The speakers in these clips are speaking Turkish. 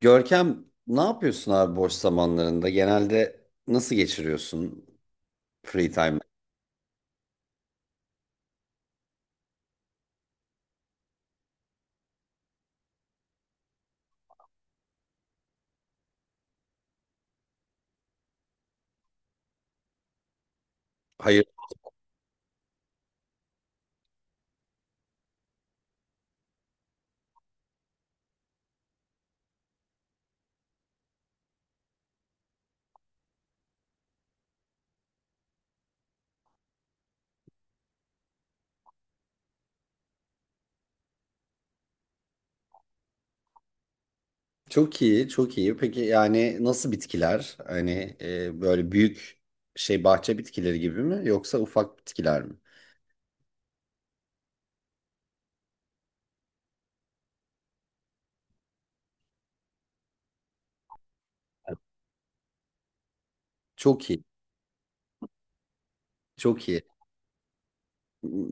Görkem ne yapıyorsun abi boş zamanlarında? Genelde nasıl geçiriyorsun free time? Hayır. Çok iyi, çok iyi. Peki yani nasıl bitkiler? Hani böyle büyük şey bahçe bitkileri gibi mi yoksa ufak bitkiler mi? Çok iyi, çok iyi.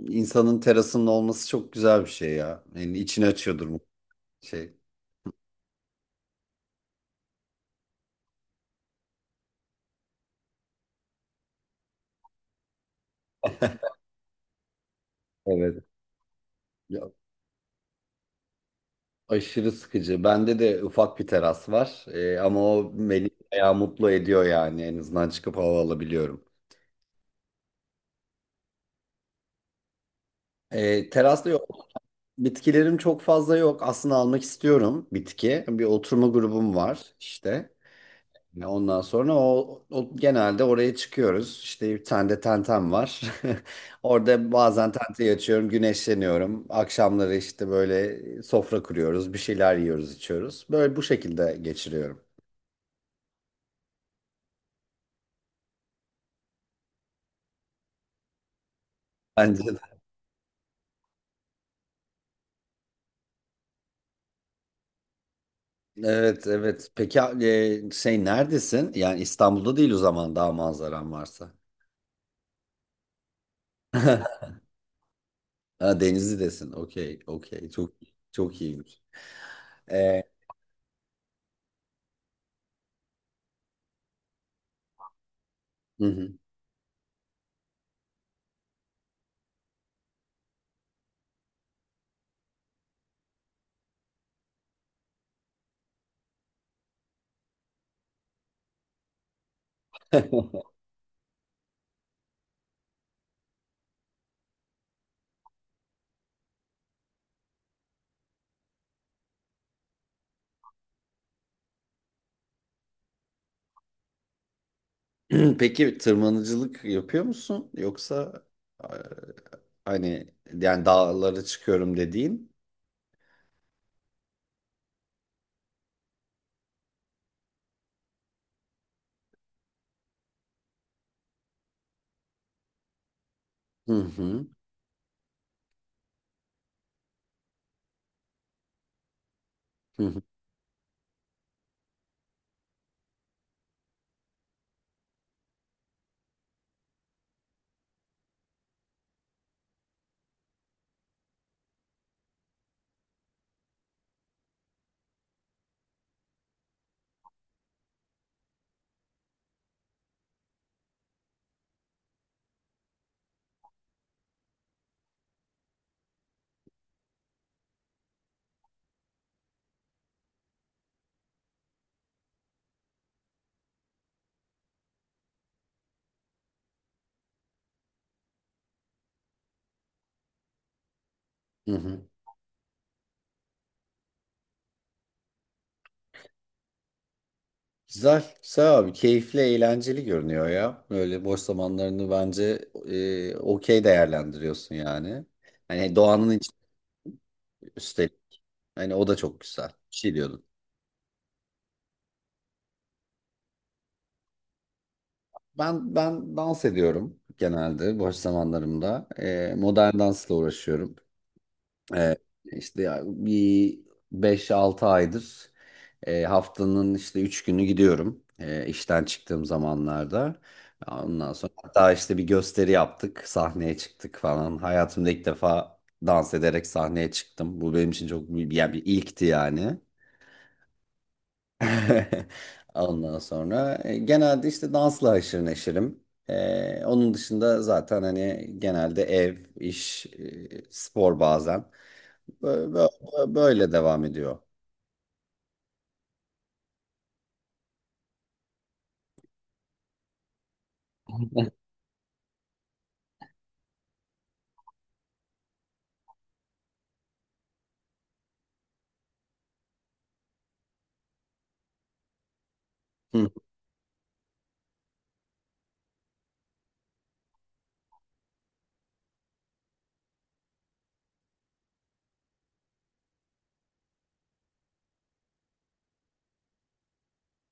İnsanın terasının olması çok güzel bir şey ya. Yani içini açıyordur mu şey. Evet. Ya, aşırı sıkıcı. Bende de ufak bir teras var. Ama o beni bayağı mutlu ediyor yani. En azından çıkıp hava alabiliyorum. Terasta yok. Bitkilerim çok fazla yok. Aslında almak istiyorum bitki. Bir oturma grubum var işte. Ondan sonra genelde oraya çıkıyoruz. İşte bir tane de tentem var. Orada bazen tenteyi açıyorum, güneşleniyorum. Akşamları işte böyle sofra kuruyoruz, bir şeyler yiyoruz, içiyoruz. Böyle bu şekilde geçiriyorum. Bence de. Evet, evet. Peki şey neredesin? Yani İstanbul'da değil o zaman daha manzaran varsa. Ha, Denizli'desin. Okey, okey. Çok çok iyiymiş. Ee, hı hı. Peki tırmanıcılık yapıyor musun? Yoksa e, hani yani dağlara çıkıyorum dediğin? Hı hı. Hı hı. Hı hı. Güzel, güzel abi. Keyifli, eğlenceli görünüyor ya. Böyle boş zamanlarını bence okey değerlendiriyorsun yani. Hani doğanın içi üstelik. Hani o da çok güzel. Bir şey diyordun. Ben dans ediyorum genelde boş zamanlarımda. Modern dansla uğraşıyorum. Ee, işte ya bir 5-6 aydır haftanın işte 3 günü gidiyorum işten çıktığım zamanlarda. Ondan sonra hatta işte bir gösteri yaptık, sahneye çıktık falan. Hayatımda ilk defa dans ederek sahneye çıktım. Bu benim için çok büyük- yani bir ilkti yani. Ondan sonra genelde işte dansla haşır neşirim. Onun dışında zaten hani genelde ev, iş, spor bazen. Bö- Böyle devam ediyor. Hı.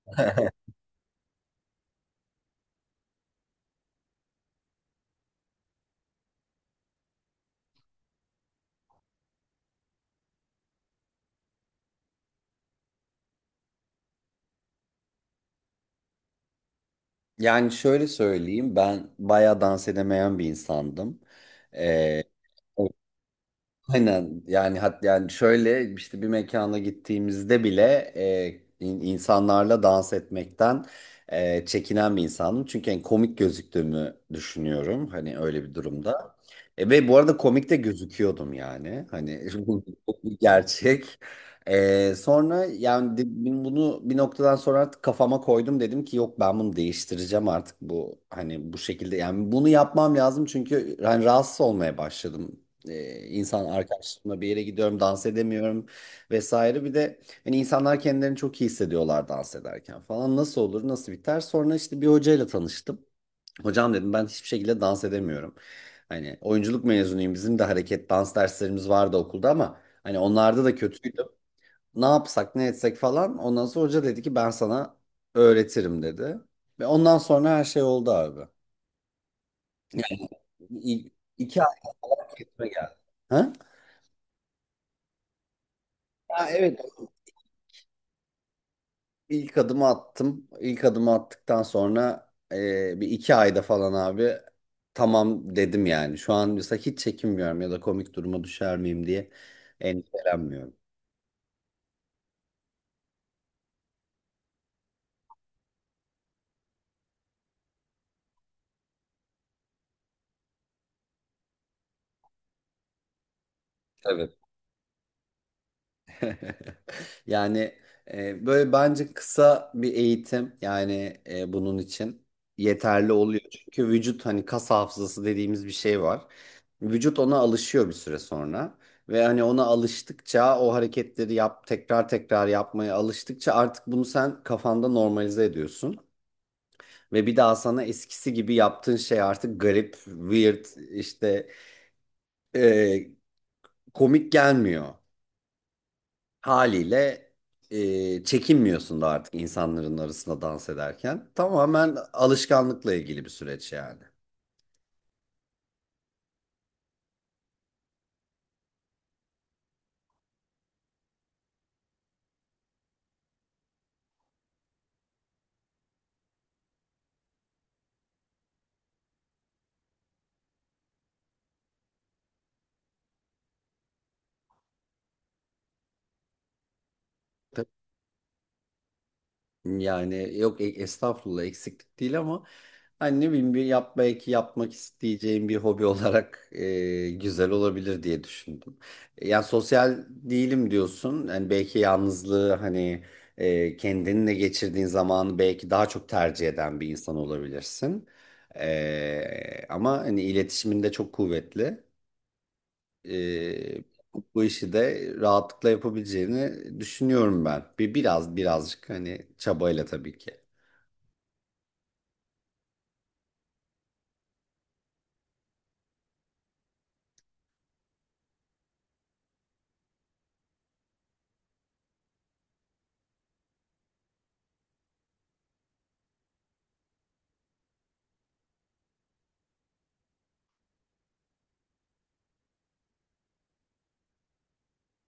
Yani şöyle söyleyeyim ben bayağı dans edemeyen bir insandım. E, Aynen yani yani şöyle işte bir mekana gittiğimizde bile insanlarla dans etmekten çekinen bir insanım. Çünkü en komik gözüktüğümü düşünüyorum hani öyle bir durumda. Ve bu arada komik de gözüküyordum yani. Hani bu bir gerçek. Sonra yani bunu bir noktadan sonra artık kafama koydum dedim ki yok ben bunu değiştireceğim artık bu hani bu şekilde yani bunu yapmam lazım çünkü hani rahatsız olmaya başladım. E, insan arkadaşlarımla bir yere gidiyorum dans edemiyorum vesaire bir de hani insanlar kendilerini çok iyi hissediyorlar dans ederken falan nasıl olur nasıl biter sonra işte bir hocayla tanıştım. Hocam dedim ben hiçbir şekilde dans edemiyorum. Hani oyunculuk mezunuyum. Bizim de hareket dans derslerimiz vardı okulda ama hani onlarda da kötüydüm. Ne yapsak ne etsek falan. Ondan sonra hoca dedi ki ben sana öğretirim dedi. Ve ondan sonra her şey oldu abi. İ 2 ay falan eğitime geldi. Ha? Ha, evet. İlk adımı attım. İlk adımı attıktan sonra 1-2 ayda falan abi tamam dedim yani. Şu an mesela hiç çekinmiyorum ya da komik duruma düşer miyim diye endişelenmiyorum. Evet. Yani böyle bence kısa bir eğitim yani bunun için yeterli oluyor. Çünkü vücut hani kas hafızası dediğimiz bir şey var. Vücut ona alışıyor bir süre sonra ve hani ona alıştıkça o hareketleri yap tekrar tekrar yapmaya alıştıkça artık bunu sen kafanda normalize ediyorsun. Ve bir daha sana eskisi gibi yaptığın şey artık garip, weird, işte e, komik gelmiyor. Haliyle çekinmiyorsun da artık insanların arasında dans ederken. Tamamen alışkanlıkla ilgili bir süreç yani. Yani yok estağfurullah eksiklik değil ama hani ne bileyim bir belki yapmak isteyeceğim bir hobi olarak güzel olabilir diye düşündüm. Yani sosyal değilim diyorsun. Yani belki yalnızlığı hani kendinle geçirdiğin zamanı belki daha çok tercih eden bir insan olabilirsin. Ama hani iletişiminde çok kuvvetli. E, bu işi de rahatlıkla yapabileceğini düşünüyorum ben. Biraz birazcık hani çabayla tabii ki.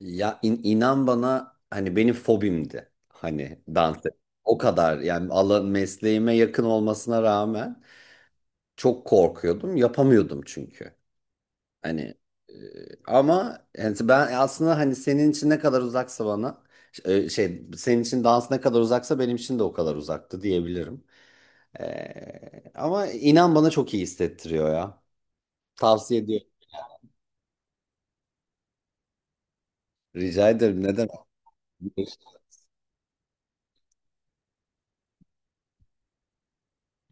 Ya inan bana hani benim fobimdi hani. O kadar yani alan mesleğime yakın olmasına rağmen çok korkuyordum. Yapamıyordum çünkü. Hani e, ama yani ben aslında hani senin için ne kadar uzaksa bana şey senin için dans ne kadar uzaksa benim için de o kadar uzaktı diyebilirim. Ama inan bana çok iyi hissettiriyor ya. Tavsiye ediyorum. Rica ederim. Ne demek?